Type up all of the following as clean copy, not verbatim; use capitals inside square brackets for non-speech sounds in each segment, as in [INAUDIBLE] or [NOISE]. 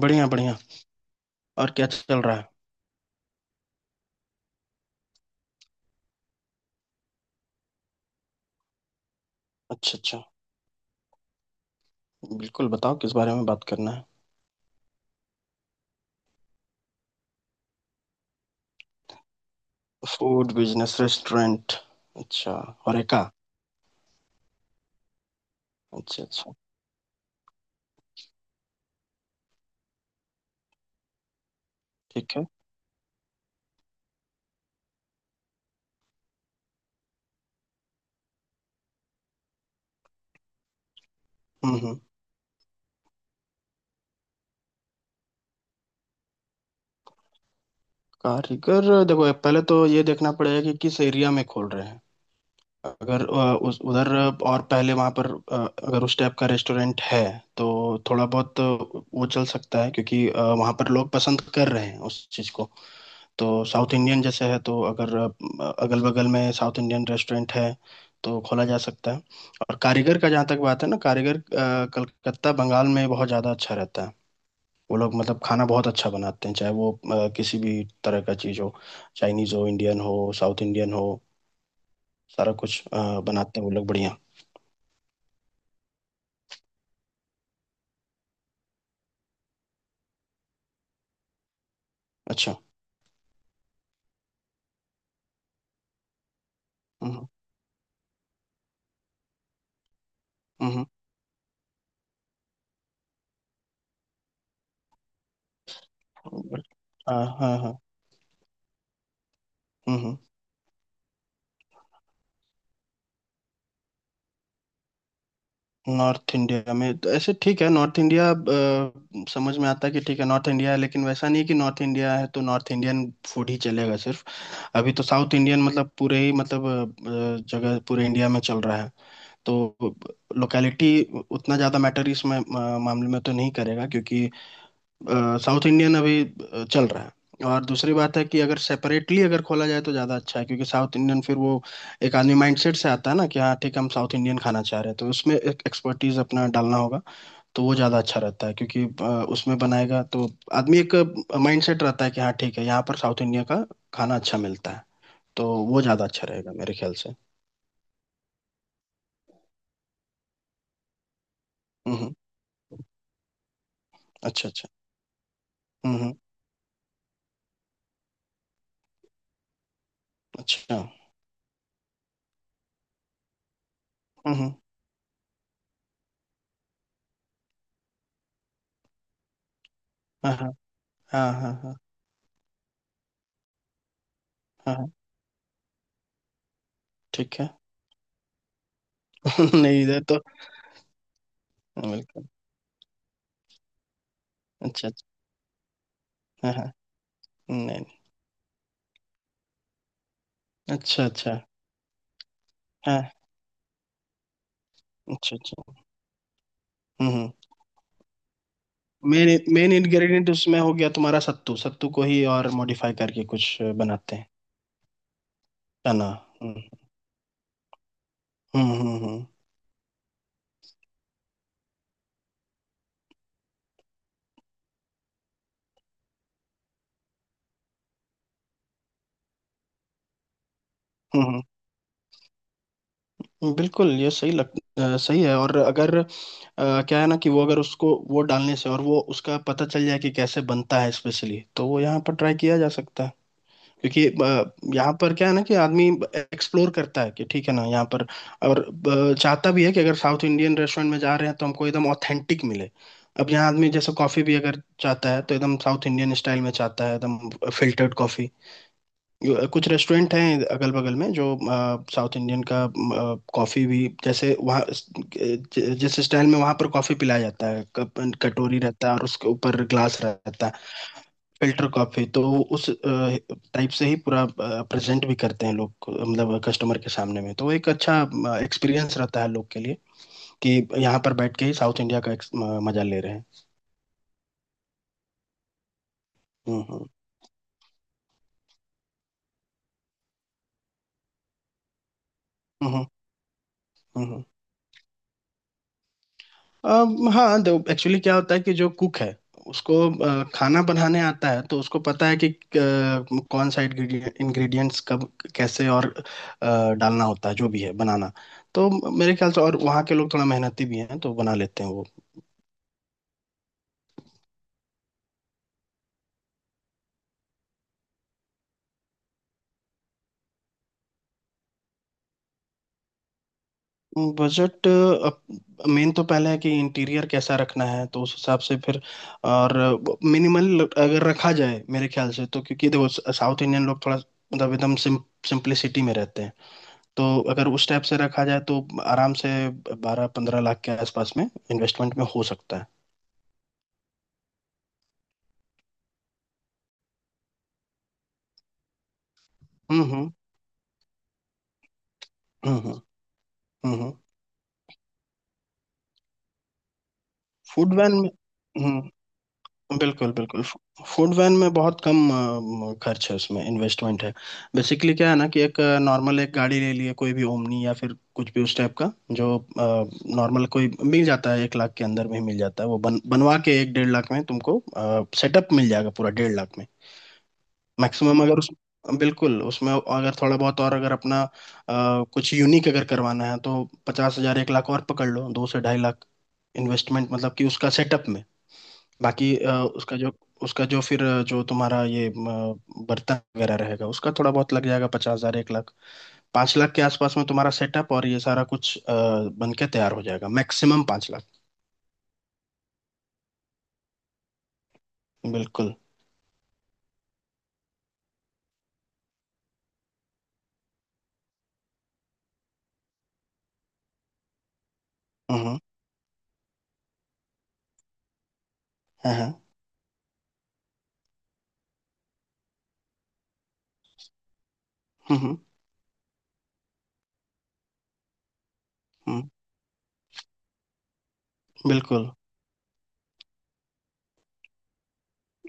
बढ़िया बढ़िया। और क्या चल रहा है? अच्छा अच्छा। बिल्कुल, बताओ किस बारे में बात करना है। फूड बिजनेस, रेस्टोरेंट, अच्छा। होरेका। अच्छा अच्छा। ठीक है। हम्म। कारीगर, देखो पहले तो ये देखना पड़ेगा कि किस एरिया में खोल रहे हैं। अगर उस उधर और पहले वहाँ पर अगर उस टाइप का रेस्टोरेंट है तो थोड़ा बहुत वो चल सकता है, क्योंकि वहाँ पर लोग पसंद कर रहे हैं उस चीज़ को। तो साउथ इंडियन जैसे है तो अगर अगल बगल में साउथ इंडियन रेस्टोरेंट है तो खोला जा सकता है। और कारीगर का जहाँ तक बात है ना, कारीगर कलकत्ता बंगाल में बहुत ज़्यादा अच्छा रहता है। वो लोग मतलब खाना बहुत अच्छा बनाते हैं, चाहे वो किसी भी तरह का चीज़ हो, चाइनीज़ हो, इंडियन हो, साउथ इंडियन हो, सारा कुछ बनाते हैं वो लोग बढ़िया। अच्छा। हम्म हम्म। बट- हाँ हाँ हाँ। हम्म। नॉर्थ इंडिया में तो ऐसे ठीक है, नॉर्थ इंडिया समझ में आता है कि ठीक है नॉर्थ इंडिया है, लेकिन वैसा नहीं है कि नॉर्थ इंडिया है तो नॉर्थ इंडियन फूड ही चलेगा सिर्फ। अभी तो साउथ इंडियन मतलब पूरे ही मतलब जगह पूरे इंडिया में चल रहा है। तो लोकेलिटी उतना ज़्यादा मैटर इस मा- मा- मामले में तो नहीं करेगा, क्योंकि साउथ इंडियन अभी चल रहा है। और दूसरी बात है कि अगर सेपरेटली अगर खोला जाए तो ज़्यादा अच्छा है, क्योंकि साउथ इंडियन फिर वो एक आदमी माइंडसेट से आता है ना कि हाँ ठीक है हम साउथ इंडियन खाना चाह रहे हैं, तो उसमें एक एक्सपर्टीज अपना डालना होगा। तो वो ज़्यादा अच्छा रहता है, क्योंकि उसमें बनाएगा तो आदमी एक माइंडसेट रहता है कि हाँ ठीक है यहाँ पर साउथ इंडिया का खाना अच्छा मिलता है। तो वो ज़्यादा अच्छा रहेगा मेरे ख्याल से। हम्म। अच्छा अच्छा। हम्म। अच्छा। हम्म। हाँ हाँ हाँ हाँ। हाँ हाँ हाँ, ठीक है। [LAUGHS] नहीं, इधर तो। बिल्कुल। अच्छा। हाँ हाँ। नहीं नहीं। अच्छा अच्छा। हाँ। अच्छा अच्छा। हम्म। मेन मेन इंग्रेडिएंट उसमें हो गया तुम्हारा सत्तू। सत्तू को ही और मॉडिफाई करके कुछ बनाते हैं। है ना। हम्म हम्म। हम्म। बिल्कुल ये सही लग। सही है। और अगर क्या है ना कि वो अगर उसको वो डालने से और वो उसका पता चल जाए कि कैसे बनता है स्पेशली तो वो यहाँ पर ट्राई किया जा सकता है। क्योंकि यहाँ पर क्या है ना कि आदमी एक्सप्लोर करता है कि ठीक है ना यहाँ पर। और चाहता भी है कि अगर साउथ इंडियन रेस्टोरेंट में जा रहे हैं तो हमको एकदम ऑथेंटिक मिले। अब यहाँ आदमी जैसे कॉफी भी अगर चाहता है तो एकदम साउथ इंडियन स्टाइल में चाहता है, एकदम फिल्टर्ड कॉफी। कुछ रेस्टोरेंट हैं अगल बगल में जो साउथ इंडियन का कॉफ़ी भी, जैसे वहाँ जिस स्टाइल में वहाँ पर कॉफ़ी पिलाया जाता है, कप कटोरी रहता है और उसके ऊपर ग्लास रहता है। फिल्टर कॉफ़ी तो उस टाइप से ही पूरा प्रेजेंट भी करते हैं लोग को, मतलब कस्टमर के सामने में। तो वो एक अच्छा एक्सपीरियंस रहता है लोग के लिए कि यहाँ पर बैठ के ही साउथ इंडिया का मजा ले रहे हैं। हम्म हम्म हम्म हम्म हम्म। हाँ, तो एक्चुअली क्या होता है कि जो कुक है उसको खाना बनाने आता है, तो उसको पता है कि कौन सा इंग्रेडिएंट्स कब कैसे और डालना होता है जो भी है बनाना। तो मेरे ख्याल से और वहाँ के लोग थोड़ा मेहनती भी हैं तो बना लेते हैं वो। बजट मेन तो पहले है कि इंटीरियर कैसा रखना है, तो उस हिसाब से फिर। और मिनिमल अगर रखा जाए मेरे ख्याल से तो, क्योंकि देखो साउथ इंडियन लोग थोड़ा मतलब एकदम सिंप्लिसिटी में रहते हैं। तो अगर उस टाइप से रखा जाए तो आराम से बारह पंद्रह लाख के आसपास में इन्वेस्टमेंट में हो सकता है। हम्म। हम्म हम्म। फूड वैन में। हम्म। बिल्कुल बिल्कुल। फूड वैन में बहुत कम खर्च है, उसमें इन्वेस्टमेंट है। बेसिकली क्या है ना कि एक नॉर्मल एक गाड़ी ले लिए, कोई भी ओमनी या फिर कुछ भी उस टाइप का, जो नॉर्मल कोई मिल जाता है एक लाख के अंदर में ही मिल जाता है, वो बन बनवा के एक डेढ़ लाख में तुमको सेटअप मिल जाएगा पूरा डेढ़ लाख में। मैक्सिमम अगर उस बिल्कुल, उसमें अगर थोड़ा बहुत और अगर अपना कुछ यूनिक अगर करवाना है तो पचास हजार एक लाख और पकड़ लो, दो से ढाई लाख इन्वेस्टमेंट, मतलब कि उसका सेटअप में। बाकी उसका जो फिर जो तुम्हारा ये बर्तन वगैरह रहेगा उसका थोड़ा बहुत लग जाएगा पचास हजार एक लाख। पाँच लाख के आसपास में तुम्हारा सेटअप और ये सारा कुछ बन के तैयार हो जाएगा, मैक्सिमम पाँच लाख। बिल्कुल। हम्म। हाँ हाँ। हम्म हम्म। बिल्कुल।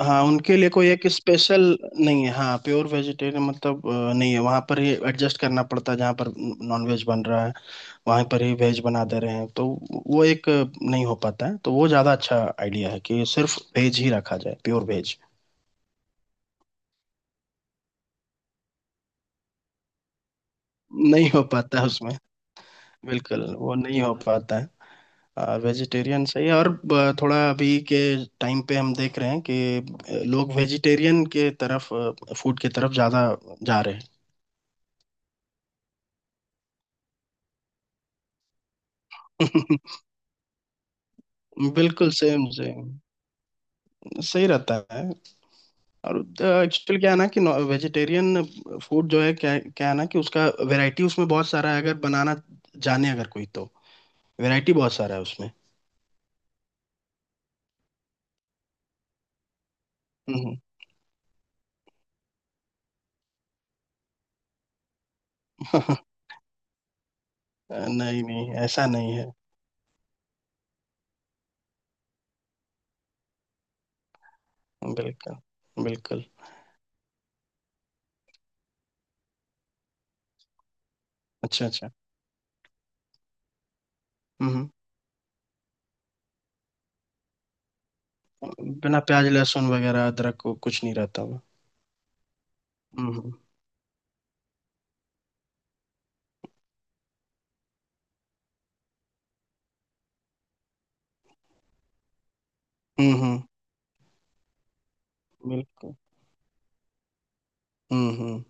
हाँ, उनके लिए कोई एक स्पेशल नहीं है। हाँ, प्योर वेजिटेरियन मतलब नहीं है, वहाँ पर ही एडजस्ट करना पड़ता है जहाँ पर नॉन वेज बन रहा है, वहाँ पर ही वेज बना दे रहे हैं। तो वो एक नहीं हो पाता है। तो वो ज़्यादा अच्छा आइडिया है कि सिर्फ वेज ही रखा जाए, प्योर वेज। नहीं हो पाता है उसमें। बिल्कुल वो नहीं हो पाता है। वेजिटेरियन सही है। और थोड़ा अभी के टाइम पे हम देख रहे हैं कि लोग वेजिटेरियन के तरफ, फूड की तरफ ज़्यादा जा रहे हैं। [LAUGHS] बिल्कुल सेम सेम सही रहता है। और एक्चुअली क्या है ना कि वेजिटेरियन फूड जो है क्या क्या है ना कि उसका वैरायटी उसमें बहुत सारा है। अगर बनाना जाने अगर कोई तो वैरायटी बहुत सारा है उसमें। हम्म हम्म। [LAUGHS] नहीं नहीं, ऐसा नहीं है। बिल्कुल बिल्कुल। अच्छा अच्छा। हम्म बिना प्याज लहसुन वगैरह अदरक को कुछ नहीं रहता हुआ। हम्म हम्म हम्म, हम्म। बिल्कुल। हम्म।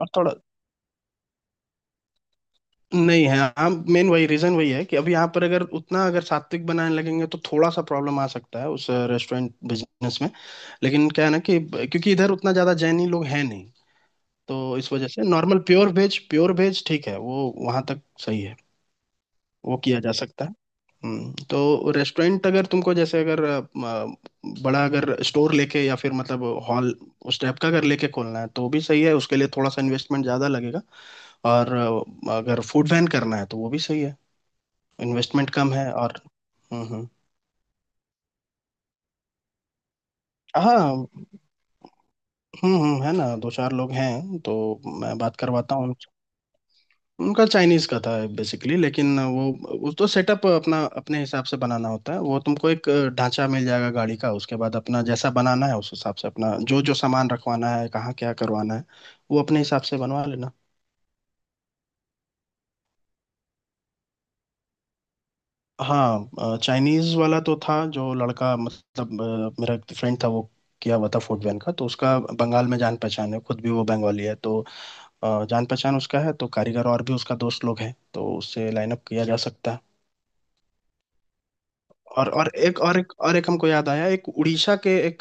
और थोड़ा नहीं है, हम मेन वही रीजन वही है कि अभी यहाँ पर अगर उतना अगर सात्विक बनाने लगेंगे तो थोड़ा सा प्रॉब्लम आ सकता है उस रेस्टोरेंट बिजनेस में। लेकिन क्या है ना कि क्योंकि इधर उतना ज्यादा जैनी लोग हैं नहीं। तो इस वजह से normal pure veg, pure veg ठीक है, वो वहां तक सही है। वो किया जा सकता है। तो रेस्टोरेंट अगर तुमको जैसे अगर बड़ा अगर स्टोर लेके या फिर मतलब हॉल, उस टाइप का अगर लेके खोलना है तो भी सही है, उसके लिए थोड़ा सा इन्वेस्टमेंट ज्यादा लगेगा। और अगर फूड वैन करना है तो वो भी सही है, इन्वेस्टमेंट कम है। और हम्म। हाँ। हम्म, है ना, दो चार लोग हैं तो मैं बात करवाता हूँ उनसे। उनका चाइनीज का था बेसिकली, लेकिन वो उस तो सेटअप अपना अपने हिसाब से बनाना होता है। वो तुमको एक ढांचा मिल जाएगा गाड़ी का, उसके बाद अपना जैसा बनाना है उस हिसाब से अपना जो जो सामान रखवाना है कहाँ क्या करवाना है वो अपने हिसाब से बनवा लेना। हाँ, चाइनीज वाला तो था जो लड़का, मतलब मेरा एक फ्रेंड था वो किया हुआ था फूड वैन का, तो उसका बंगाल में जान पहचान है, खुद भी वो बंगाली है। तो जान पहचान उसका है, तो कारीगर और भी उसका दोस्त लोग हैं, तो उससे लाइनअप किया जा सकता है। और एक हमको याद आया, एक उड़ीसा के एक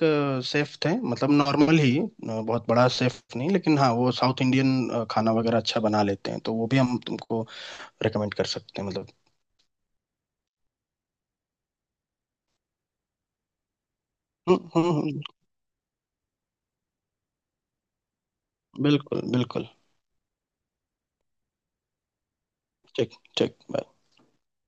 सेफ थे, मतलब नॉर्मल ही बहुत बड़ा सेफ नहीं, लेकिन हाँ वो साउथ इंडियन खाना वगैरह अच्छा बना लेते हैं, तो वो भी हम तुमको रेकमेंड कर सकते हैं मतलब। हम्म हम्म हम्म, बिल्कुल बिल्कुल। ठीक ठीक।